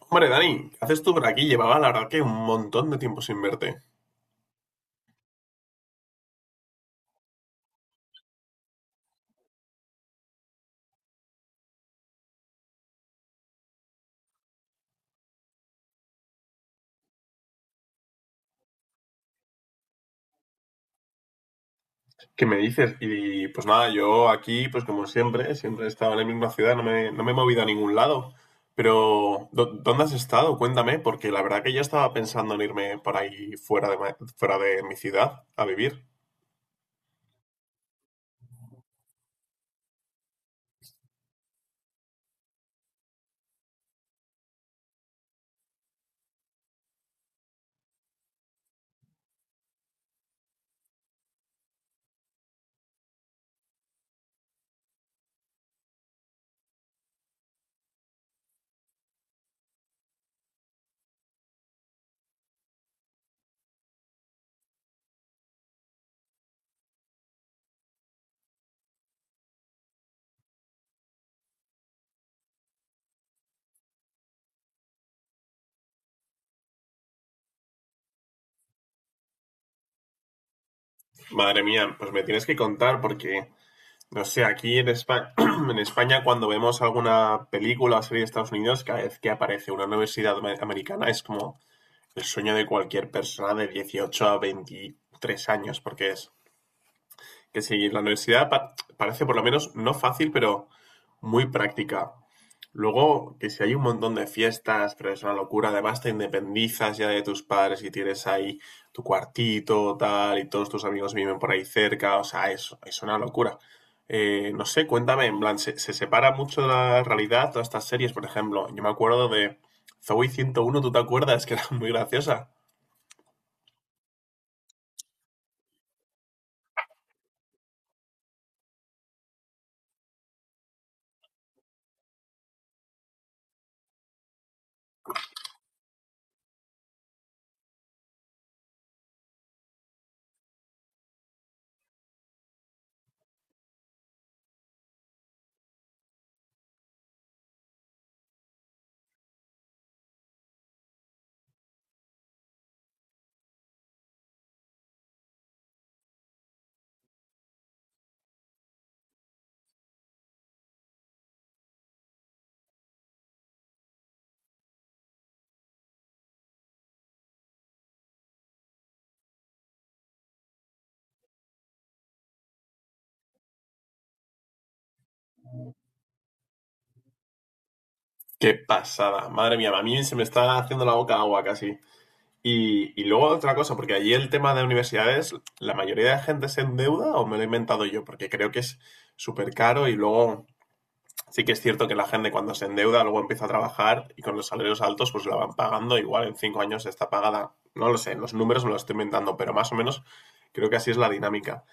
Hombre, Dani, ¿qué haces tú por aquí? Llevaba la verdad que un montón de tiempo sin verte. ¿Qué me dices? Y pues nada, yo aquí, pues como siempre, siempre he estado en la misma ciudad, no me he movido a ningún lado. Pero, ¿dónde has estado? Cuéntame, porque la verdad que yo estaba pensando en irme por ahí fuera de, fuera de mi ciudad a vivir. Madre mía, pues me tienes que contar porque, no sé, aquí en España, en España cuando vemos alguna película o serie de Estados Unidos, cada vez que aparece una universidad americana es como el sueño de cualquier persona de 18 a 23 años, porque es que si la universidad parece por lo menos no fácil, pero muy práctica. Luego, que si hay un montón de fiestas, pero es una locura, además te independizas ya de tus padres y tienes ahí tu cuartito, tal, y todos tus amigos viven por ahí cerca, o sea, es una locura. No sé, cuéntame, en plan, ¿ se separa mucho de la realidad todas estas series? Por ejemplo, yo me acuerdo de Zoey 101, ¿tú te acuerdas? Que era muy graciosa. Qué pasada, madre mía, a mí se me está haciendo la boca agua casi. Y luego otra cosa, porque allí el tema de universidades, ¿la mayoría de gente se endeuda o me lo he inventado yo? Porque creo que es súper caro y luego sí que es cierto que la gente cuando se endeuda luego empieza a trabajar y con los salarios altos pues la van pagando, igual en 5 años está pagada, no lo sé, los números me los estoy inventando, pero más o menos creo que así es la dinámica.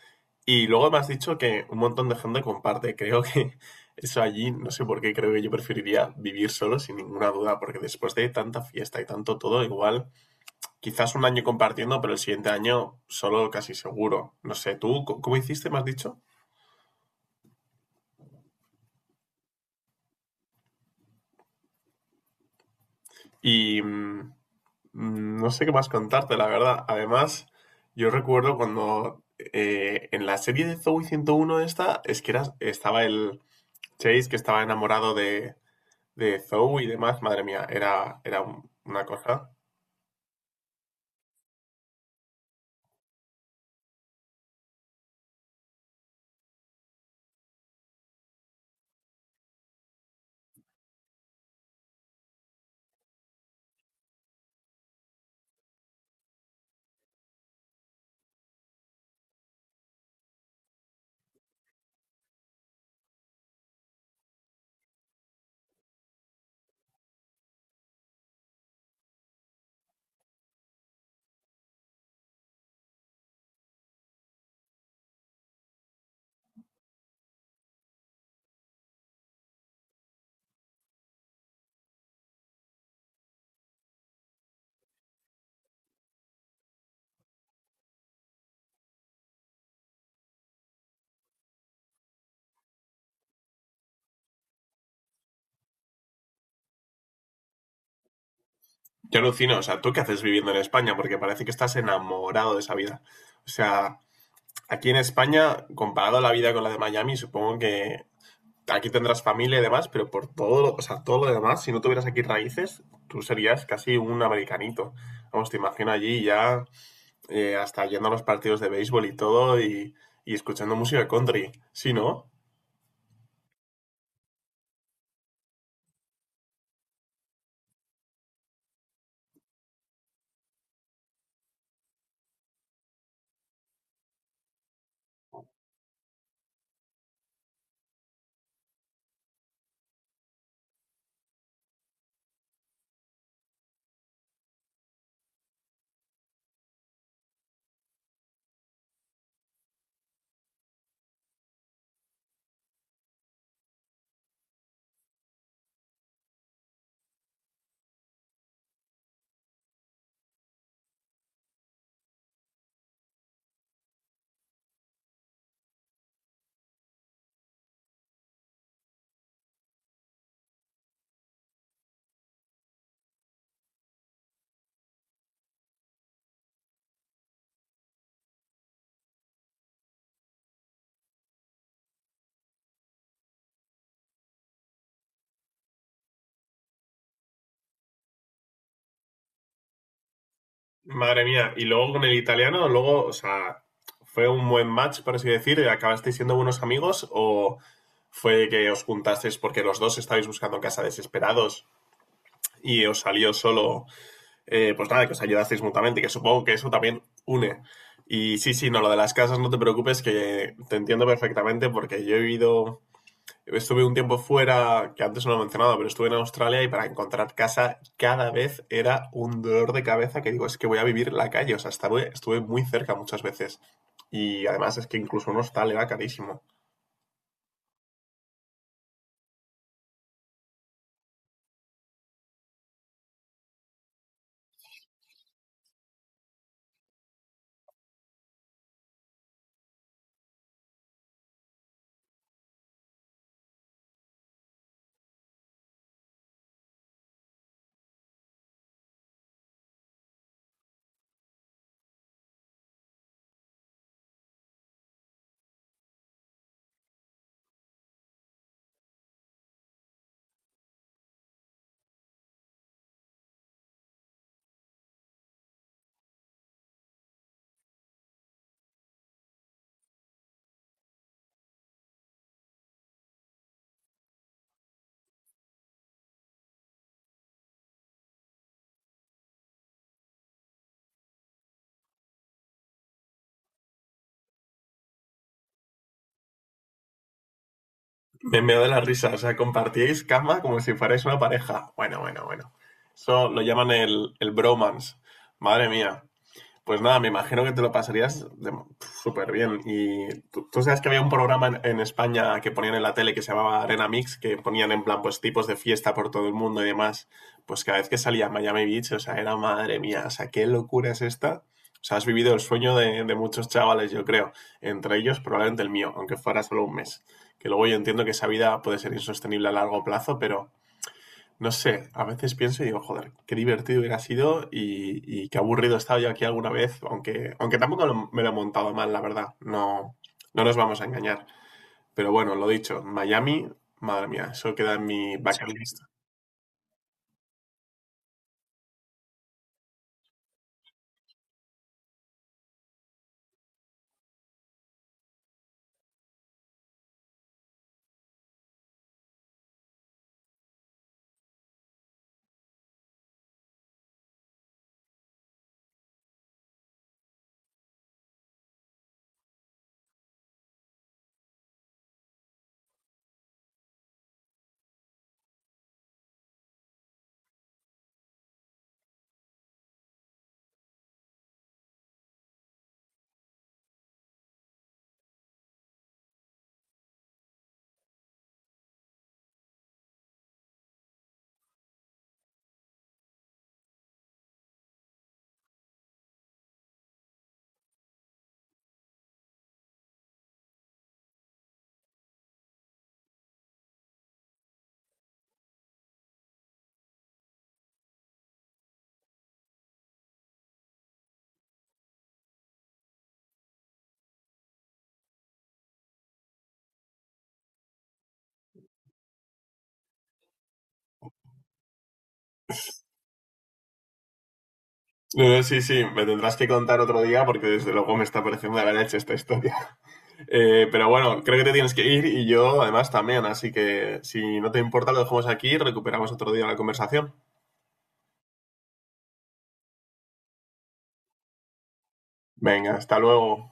Y luego me has dicho que un montón de gente comparte. Creo que eso allí, no sé por qué, creo que yo preferiría vivir solo sin ninguna duda, porque después de tanta fiesta y tanto todo, igual, quizás un año compartiendo, pero el siguiente año solo casi seguro. No sé, ¿tú cómo hiciste? Me has dicho. Y no sé qué más contarte, la verdad. Además, yo recuerdo cuando en la serie de Zoey 101 esta, es que estaba el Chase que estaba enamorado de Zou y demás, madre mía, era una cosa. Yo alucino, o sea, ¿tú qué haces viviendo en España? Porque parece que estás enamorado de esa vida. O sea, aquí en España, comparado a la vida con la de Miami, supongo que aquí tendrás familia y demás, pero por todo, o sea, todo lo demás, si no tuvieras aquí raíces, tú serías casi un americanito. Vamos, te imagino allí ya hasta yendo a los partidos de béisbol y todo y escuchando música country. Sí, ¿no? Madre mía, y luego con el italiano, luego, o sea, ¿fue un buen match, por así decir? ¿Acabasteis siendo buenos amigos o fue que os juntasteis porque los dos estabais buscando casa desesperados y os salió solo, pues nada, que os ayudasteis mutuamente, que supongo que eso también une. Y sí, sí, no, lo de las casas no te preocupes, que te entiendo perfectamente porque yo he vivido. Estuve un tiempo fuera, que antes no lo he mencionado, pero estuve en Australia y para encontrar casa cada vez era un dolor de cabeza que digo, es que voy a vivir en la calle, o sea, estuve muy cerca muchas veces. Y además es que incluso un hostal era carísimo. Me meo de la risa, o sea, compartíais cama como si fuerais una pareja. Bueno, bueno, bueno. Eso lo llaman el bromance. Madre mía. Pues nada, me imagino que te lo pasarías súper bien. Y tú sabes que había un programa en España que ponían en la tele que se llamaba Arena Mix, que ponían en plan pues tipos de fiesta por todo el mundo y demás. Pues cada vez que salía a Miami Beach, o sea, era madre mía, o sea, qué locura es esta. O sea, has vivido el sueño de muchos chavales, yo creo. Entre ellos, probablemente el mío, aunque fuera solo un mes. Que luego yo entiendo que esa vida puede ser insostenible a largo plazo, pero no sé, a veces pienso y digo, joder, qué divertido hubiera sido y qué aburrido he estado yo aquí alguna vez, aunque tampoco me lo he montado mal, la verdad. No, no nos vamos a engañar. Pero bueno, lo dicho, Miami, madre mía, eso queda en mi bucket list. No, no, sí, sí, me tendrás que contar otro día porque desde luego me está pareciendo de la leche esta historia. Pero bueno, creo que te tienes que ir y yo además también, así que si no te importa lo dejamos aquí y recuperamos otro día la conversación. Venga, hasta luego.